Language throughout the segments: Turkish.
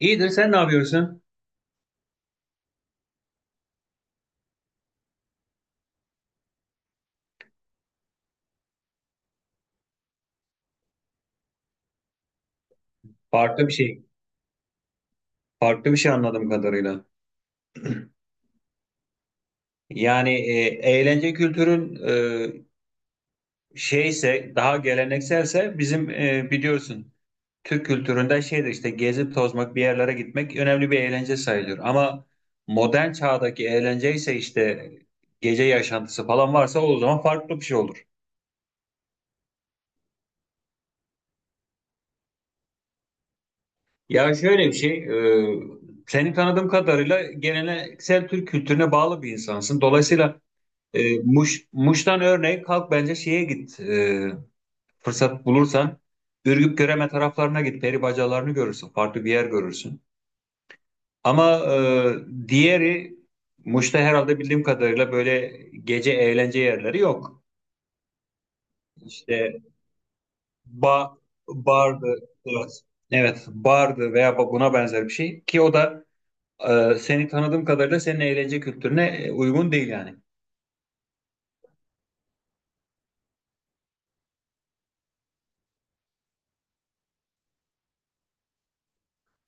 İyidir, sen ne yapıyorsun? Farklı bir şey, farklı bir şey anladığım kadarıyla. Yani eğlence kültürün şeyse, daha gelenekselse bizim biliyorsun Türk kültüründe şeydir işte gezip tozmak, bir yerlere gitmek önemli bir eğlence sayılır. Ama modern çağdaki eğlence ise işte gece yaşantısı falan varsa o zaman farklı bir şey olur. Ya şöyle bir şey, e, seni tanıdığım kadarıyla geleneksel Türk kültürüne bağlı bir insansın. Dolayısıyla Muş'tan örneğin kalk bence şeye git. Fırsat bulursan Ürgüp Göreme taraflarına git. Peri bacalarını görürsün. Farklı bir yer görürsün. Ama diğeri Muş'ta herhalde bildiğim kadarıyla böyle gece eğlence yerleri yok. İşte ba, bardı. Biraz. Evet, bardı veya buna benzer bir şey ki o da seni tanıdığım kadarıyla senin eğlence kültürüne uygun değil yani.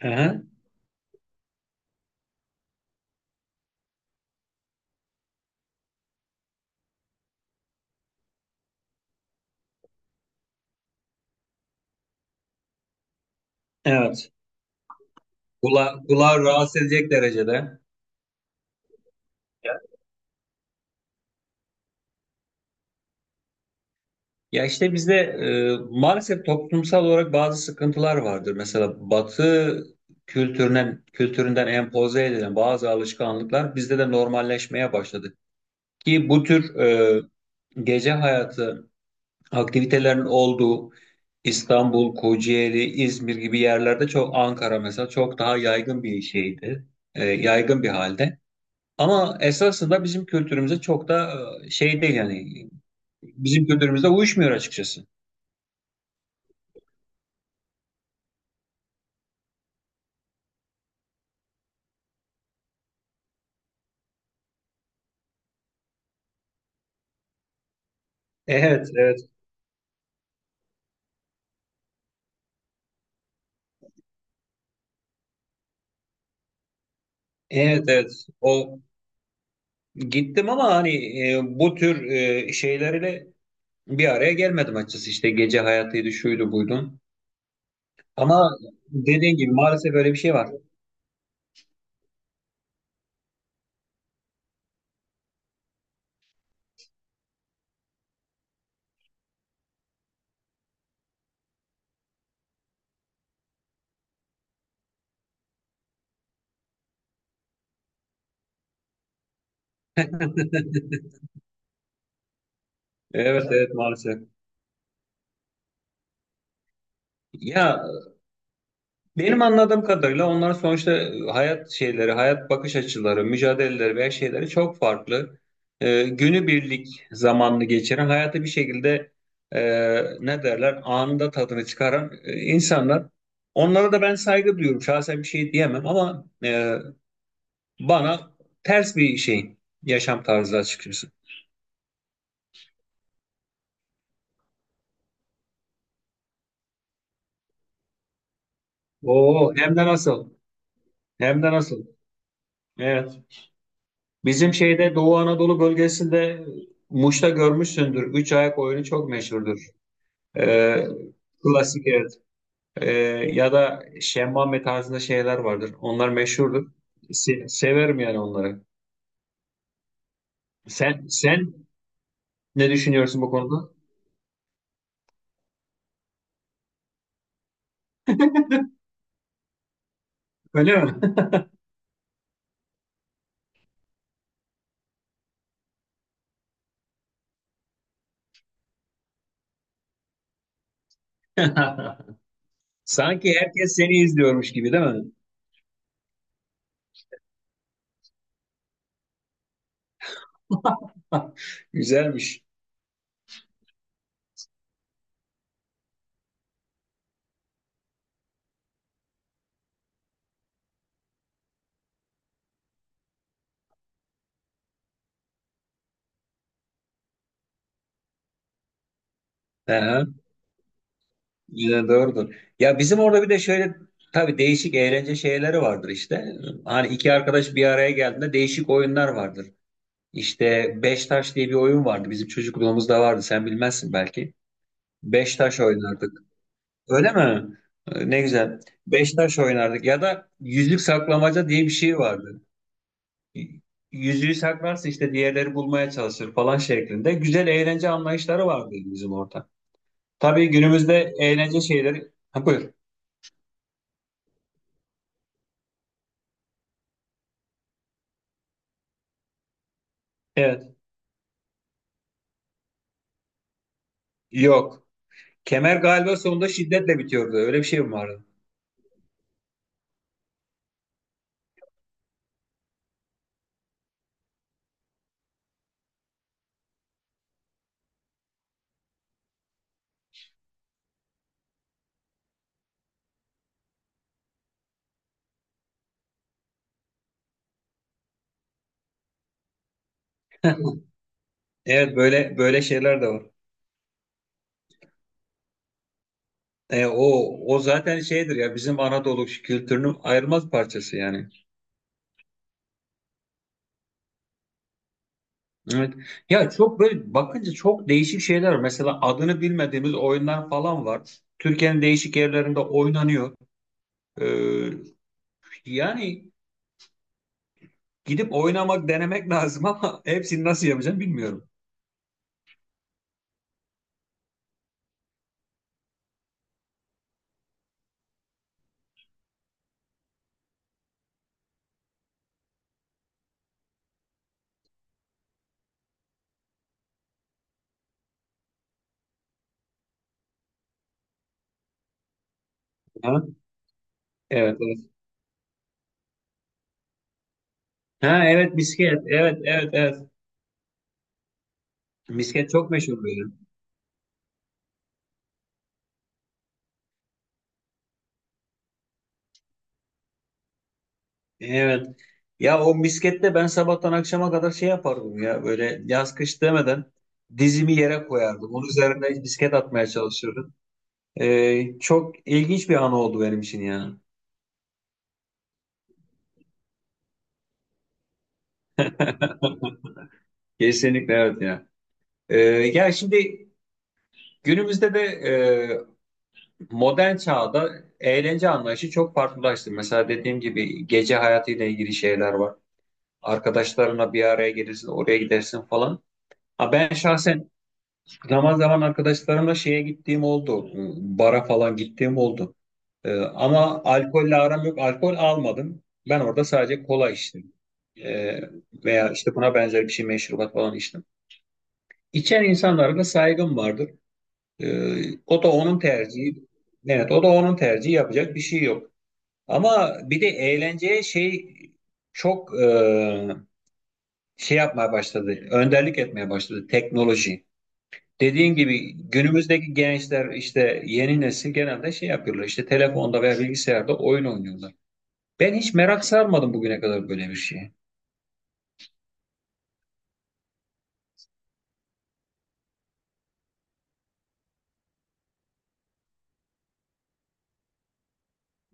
Hı hı. Evet. Kulağı rahatsız edecek derecede. Ya işte bizde maalesef toplumsal olarak bazı sıkıntılar vardır. Mesela Batı kültüründen empoze edilen bazı alışkanlıklar bizde de normalleşmeye başladı. Ki bu tür gece hayatı aktivitelerin olduğu İstanbul, Kocaeli, İzmir gibi yerlerde çok Ankara mesela çok daha yaygın bir şeydi. Yaygın bir halde. Ama esasında bizim kültürümüze çok da şey değil yani. Bizim kültürümüzde uyuşmuyor açıkçası. Evet, evet. Evet, evet. O gittim ama hani bu tür şeylerle bir araya gelmedim açıkçası. İşte gece hayatıydı, şuydu, buydu. Ama dediğin gibi maalesef böyle bir şey var. Evet, evet maalesef. Ya, benim anladığım kadarıyla onların sonuçta hayat şeyleri, hayat bakış açıları, mücadeleleri veya şeyleri çok farklı. Günübirlik zamanını geçiren, hayatı bir şekilde e, ne derler, anında tadını çıkaran insanlar. Onlara da ben saygı duyuyorum. Şahsen bir şey diyemem ama bana ters bir şey yaşam tarzı açıkçası. Oo, hem de nasıl? Hem de nasıl? Evet. Bizim şeyde Doğu Anadolu bölgesinde Muş'ta görmüşsündür. Üç ayak oyunu çok meşhurdur. Ee, klasik evet. Ee, ya da şemmame tarzında şeyler vardır. Onlar meşhurdur. Severim yani onları. Sen ne düşünüyorsun bu konuda? Öyle mi? Sanki herkes seni izliyormuş gibi değil mi? Güzelmiş. Aha. Yine doğrudur. Ya bizim orada bir de şöyle tabii değişik eğlence şeyleri vardır işte. Hani iki arkadaş bir araya geldiğinde değişik oyunlar vardır. İşte beş taş diye bir oyun vardı. Bizim çocukluğumuzda vardı. Sen bilmezsin belki. Beş taş oynardık. Öyle mi? Ne güzel. Beş taş oynardık. Ya da yüzlük saklamaca diye bir şey vardı. Yüzüğü saklarsın işte diğerleri bulmaya çalışır falan şeklinde. Güzel eğlence anlayışları vardı bizim orada. Tabii günümüzde eğlence şeyleri... Ha, buyur. Evet. Yok. Kemer galiba sonunda şiddetle bitiyordu. Öyle bir şey mi vardı? Evet böyle böyle şeyler de var. O o zaten şeydir ya bizim Anadolu kültürünün ayrılmaz parçası yani. Evet. Ya çok böyle bakınca çok değişik şeyler var. Mesela adını bilmediğimiz oyunlar falan var. Türkiye'nin değişik yerlerinde oynanıyor. Ee, yani gidip oynamak denemek lazım ama hepsini nasıl yapacağım bilmiyorum. Ha? Evet, evet. Ha evet misket. Evet evet evet. Misket çok meşhur böyle. Evet. Ya o miskette ben sabahtan akşama kadar şey yapardım ya böyle yaz kış demeden dizimi yere koyardım. Onun üzerine misket atmaya çalışırdım. Çok ilginç bir an oldu benim için ya. Kesinlikle evet ya. Ya şimdi günümüzde de modern çağda eğlence anlayışı çok farklılaştı. Mesela dediğim gibi gece hayatıyla ilgili şeyler var. Arkadaşlarına bir araya gelirsin, oraya gidersin falan. Ha ben şahsen zaman zaman arkadaşlarımla şeye gittiğim oldu. Bara falan gittiğim oldu. Ama alkolle aram yok. Alkol almadım. Ben orada sadece kola içtim. Ee, veya işte buna benzer bir şey meşrubat falan içtim. İçen insanlara da saygım vardır. O da onun tercihi. Evet, o da onun tercihi yapacak bir şey yok. Ama bir de eğlenceye şey çok şey yapmaya başladı. Önderlik etmeye başladı teknoloji. Dediğin gibi günümüzdeki gençler işte yeni nesil genelde şey yapıyorlar işte telefonda veya bilgisayarda oyun oynuyorlar. Ben hiç merak sarmadım bugüne kadar böyle bir şeye.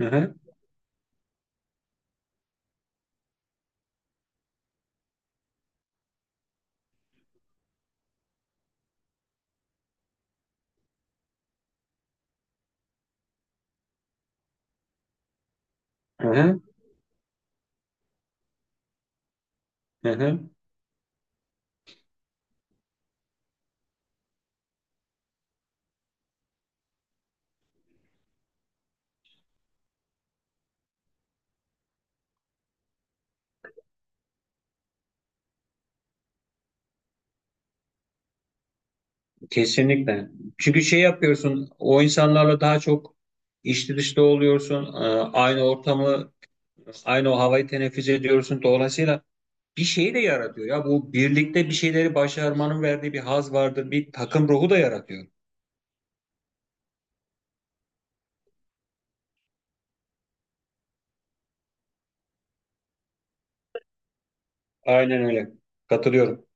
Hı hı, hı hı, hı hı. Kesinlikle. Çünkü şey yapıyorsun o insanlarla daha çok içli dışlı oluyorsun. Aynı ortamı aynı o havayı teneffüs ediyorsun. Dolayısıyla bir şey de yaratıyor ya bu birlikte bir şeyleri başarmanın verdiği bir haz vardır. Bir takım ruhu da yaratıyor. Aynen öyle. Katılıyorum.